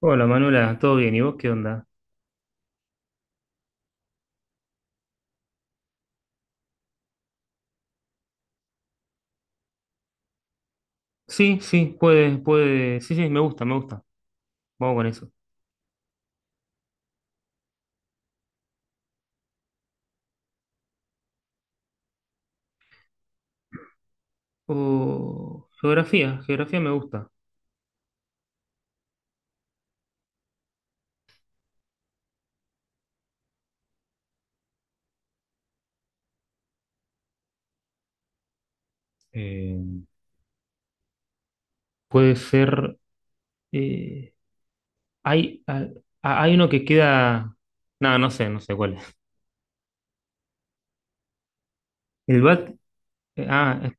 Hola Manuela, ¿todo bien? ¿Y vos qué onda? Sí, sí, puede, puede. Sí, sí, me gusta, me gusta. Vamos con eso. O geografía, geografía me gusta. Eh, Puede ser. eh, hay, ah, ah, hay uno que queda. No, no sé cuál es. El BAT. eh, ah, eh,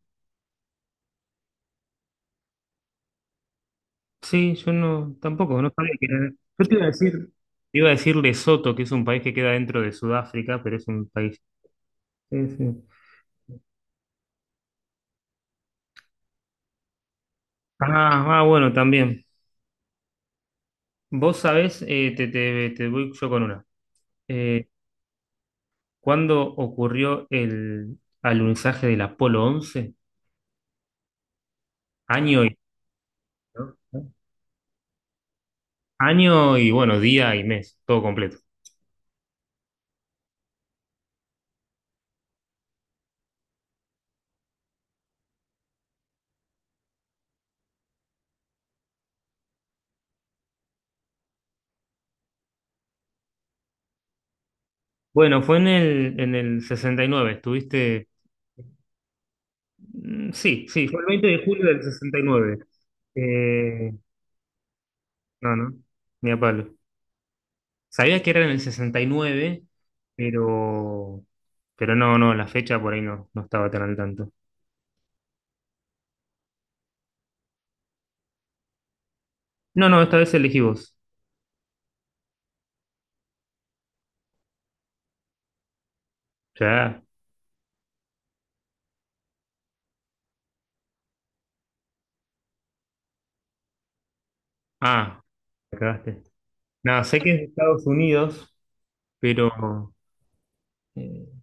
sí, yo no, tampoco, no sabía que era. Yo te iba a decir. Te iba a decir Lesoto, que es un país que queda dentro de Sudáfrica, pero es un país. Sí, sí. Ah, ah, bueno, también. Vos sabés, te voy yo con una. Eh, ¿Cuándo ocurrió el alunizaje del Apolo 11? Año y, ¿no? Año y, bueno, día y mes, todo completo. Bueno, fue en el 69 estuviste. Mm, sí, sí, fue el 20 de julio del 69. Eh, no, no, ni a palo. Sabía que era en el 69, pero, pero no, no, la fecha por ahí no, no estaba tan al tanto. No, no, esta vez elegí vos. Ya. Ah, me cagaste. Nada, sé que es de Estados Unidos, pero eh,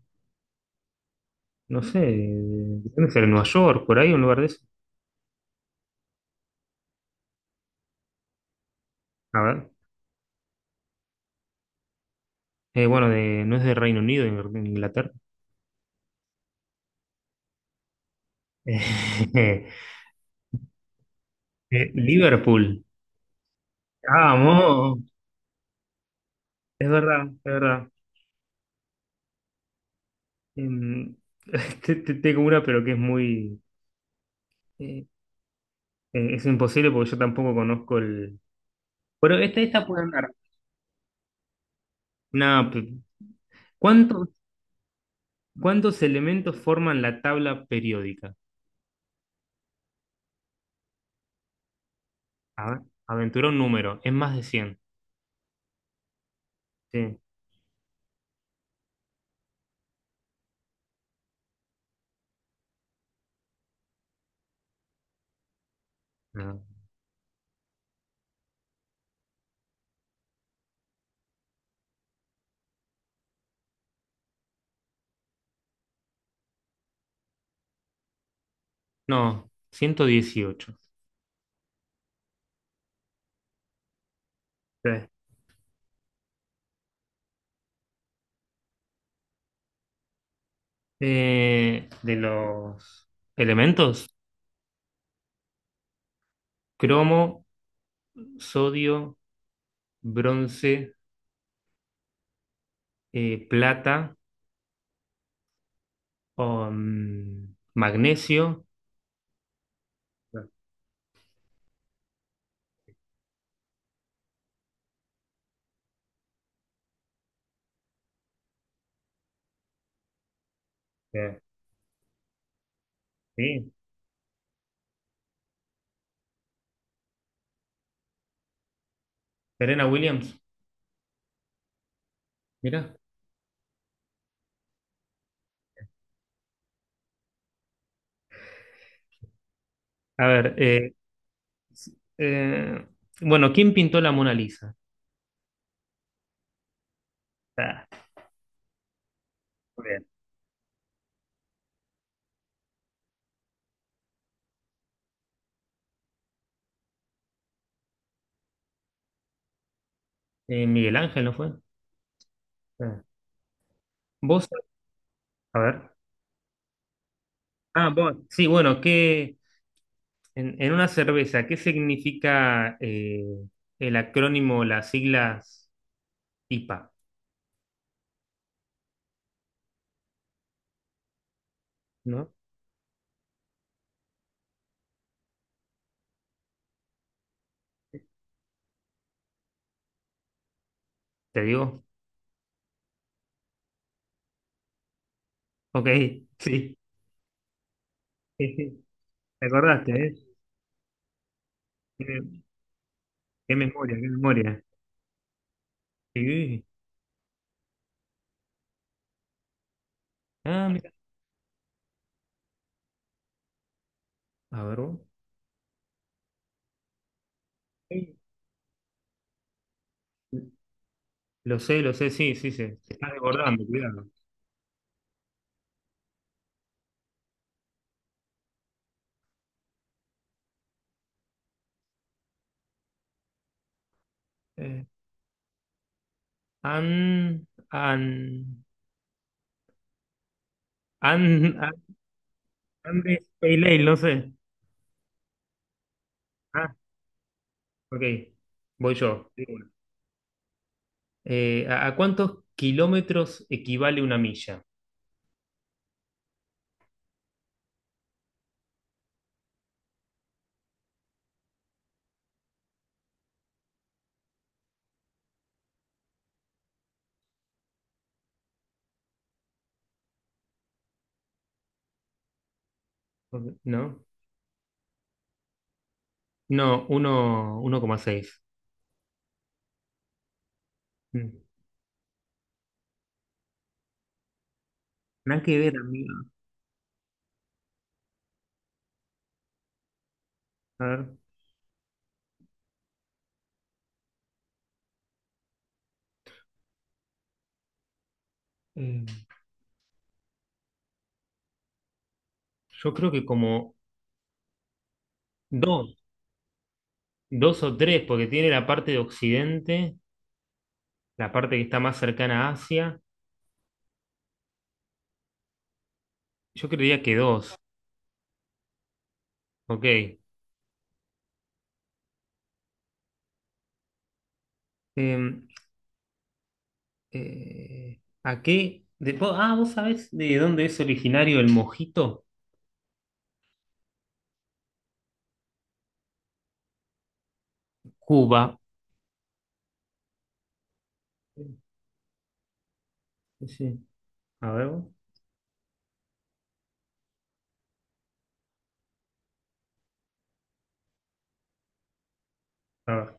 no sé, ¿dónde será? ¿Nueva York? ¿Por ahí? ¿Un lugar de eso? A ver. Bueno, de, no es de Reino Unido, de Inglaterra. Liverpool. Vamos, es verdad, es verdad. Em, tengo una, pero que es muy. eh, es imposible porque yo tampoco conozco el. Bueno, esta puede andar. Nada, ¿cuántos, cuántos elementos forman la tabla periódica? A ver, aventura un número, es más de 100. Sí, no, no, 118. Sí. De los elementos: cromo, sodio, bronce, plata, magnesio. Eh, Sí, Serena Williams, mira. A ver, eh, bueno, ¿quién pintó la Mona Lisa? Ah, muy bien. Miguel Ángel, ¿no fue? Ah. ¿Vos? A ver. Ah, vos. Sí, bueno, en una cerveza, ¿qué significa el acrónimo, las siglas IPA? ¿No? ¿Te digo? Ok, sí. ¿Te acordaste, eh? Qué, qué memoria, qué memoria. Sí. Ah, mira. A ver, vos. Sí. Lo sé, sí, sí, sí. Te estás desbordando, cuidado. Eh, an, an, an, an- Andes Pale Ale, no sé. Ah, ok. Voy yo. Digo una. ¿A cuántos kilómetros equivale una milla? Ok. ¿No? No, 1,6. Mm. Nada que ver, amigo. A ver. eh, yo creo que como dos, dos o tres, porque tiene la parte de Occidente, la parte que está más cercana a Asia. Yo creería que dos. Ok. Eh, ¿A qué? ¿Vos sabés de dónde es originario el mojito? Cuba. Sí, sí. A ver, vos. A ver.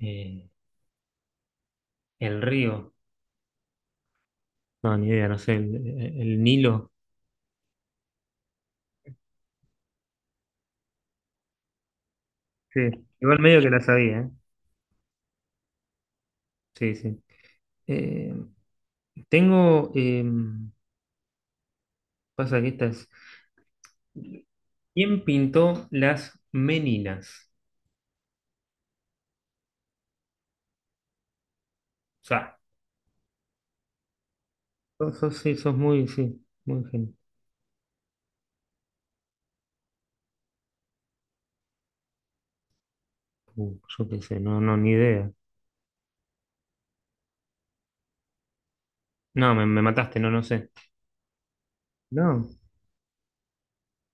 Eh, el río. No, ni idea, no sé. El Nilo. Sí, igual medio que la sabía, ¿eh? Sí, sí. Eh, Tengo, pasa que estas. ¿Quién pintó las Meninas? O sea, sí, sos muy, sí, muy gen. Yo qué sé, no, no, ni idea. No, me mataste, no, no sé. No.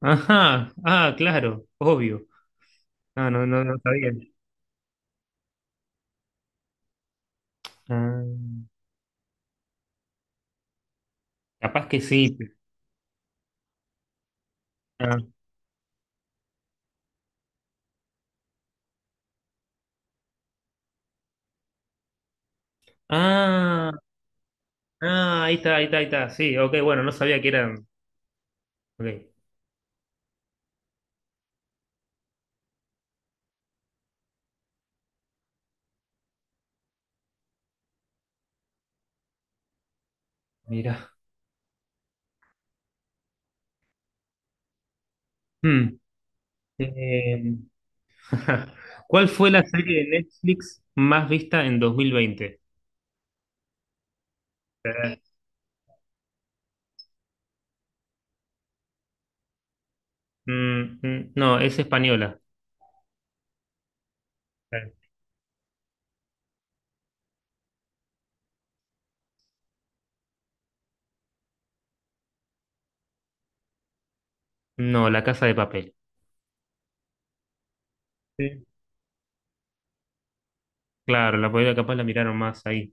Ajá, ah, claro, obvio. Ah, no, no, no sabía. Ah, capaz que sí. Ah, ah, ah, ahí está, ahí está, ahí está. Sí, ok, bueno, no sabía que eran. Ok, mira. Hmm. Eh, ¿Cuál fue la serie de Netflix más vista en 2020? Eh, no, es española. Eh, No, La Casa de Papel. Sí. Claro, la podría capaz la miraron más ahí.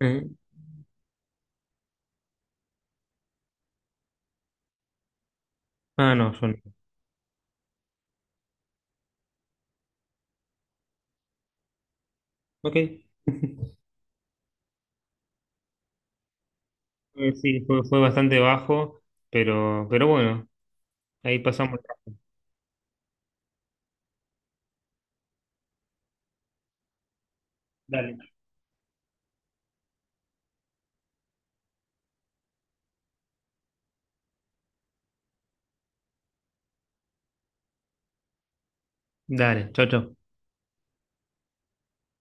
Eh, Ah, no, yo no. Ok. Sí, fue bastante bajo, pero bueno, ahí pasamos. Dale. Dale, chau, chau.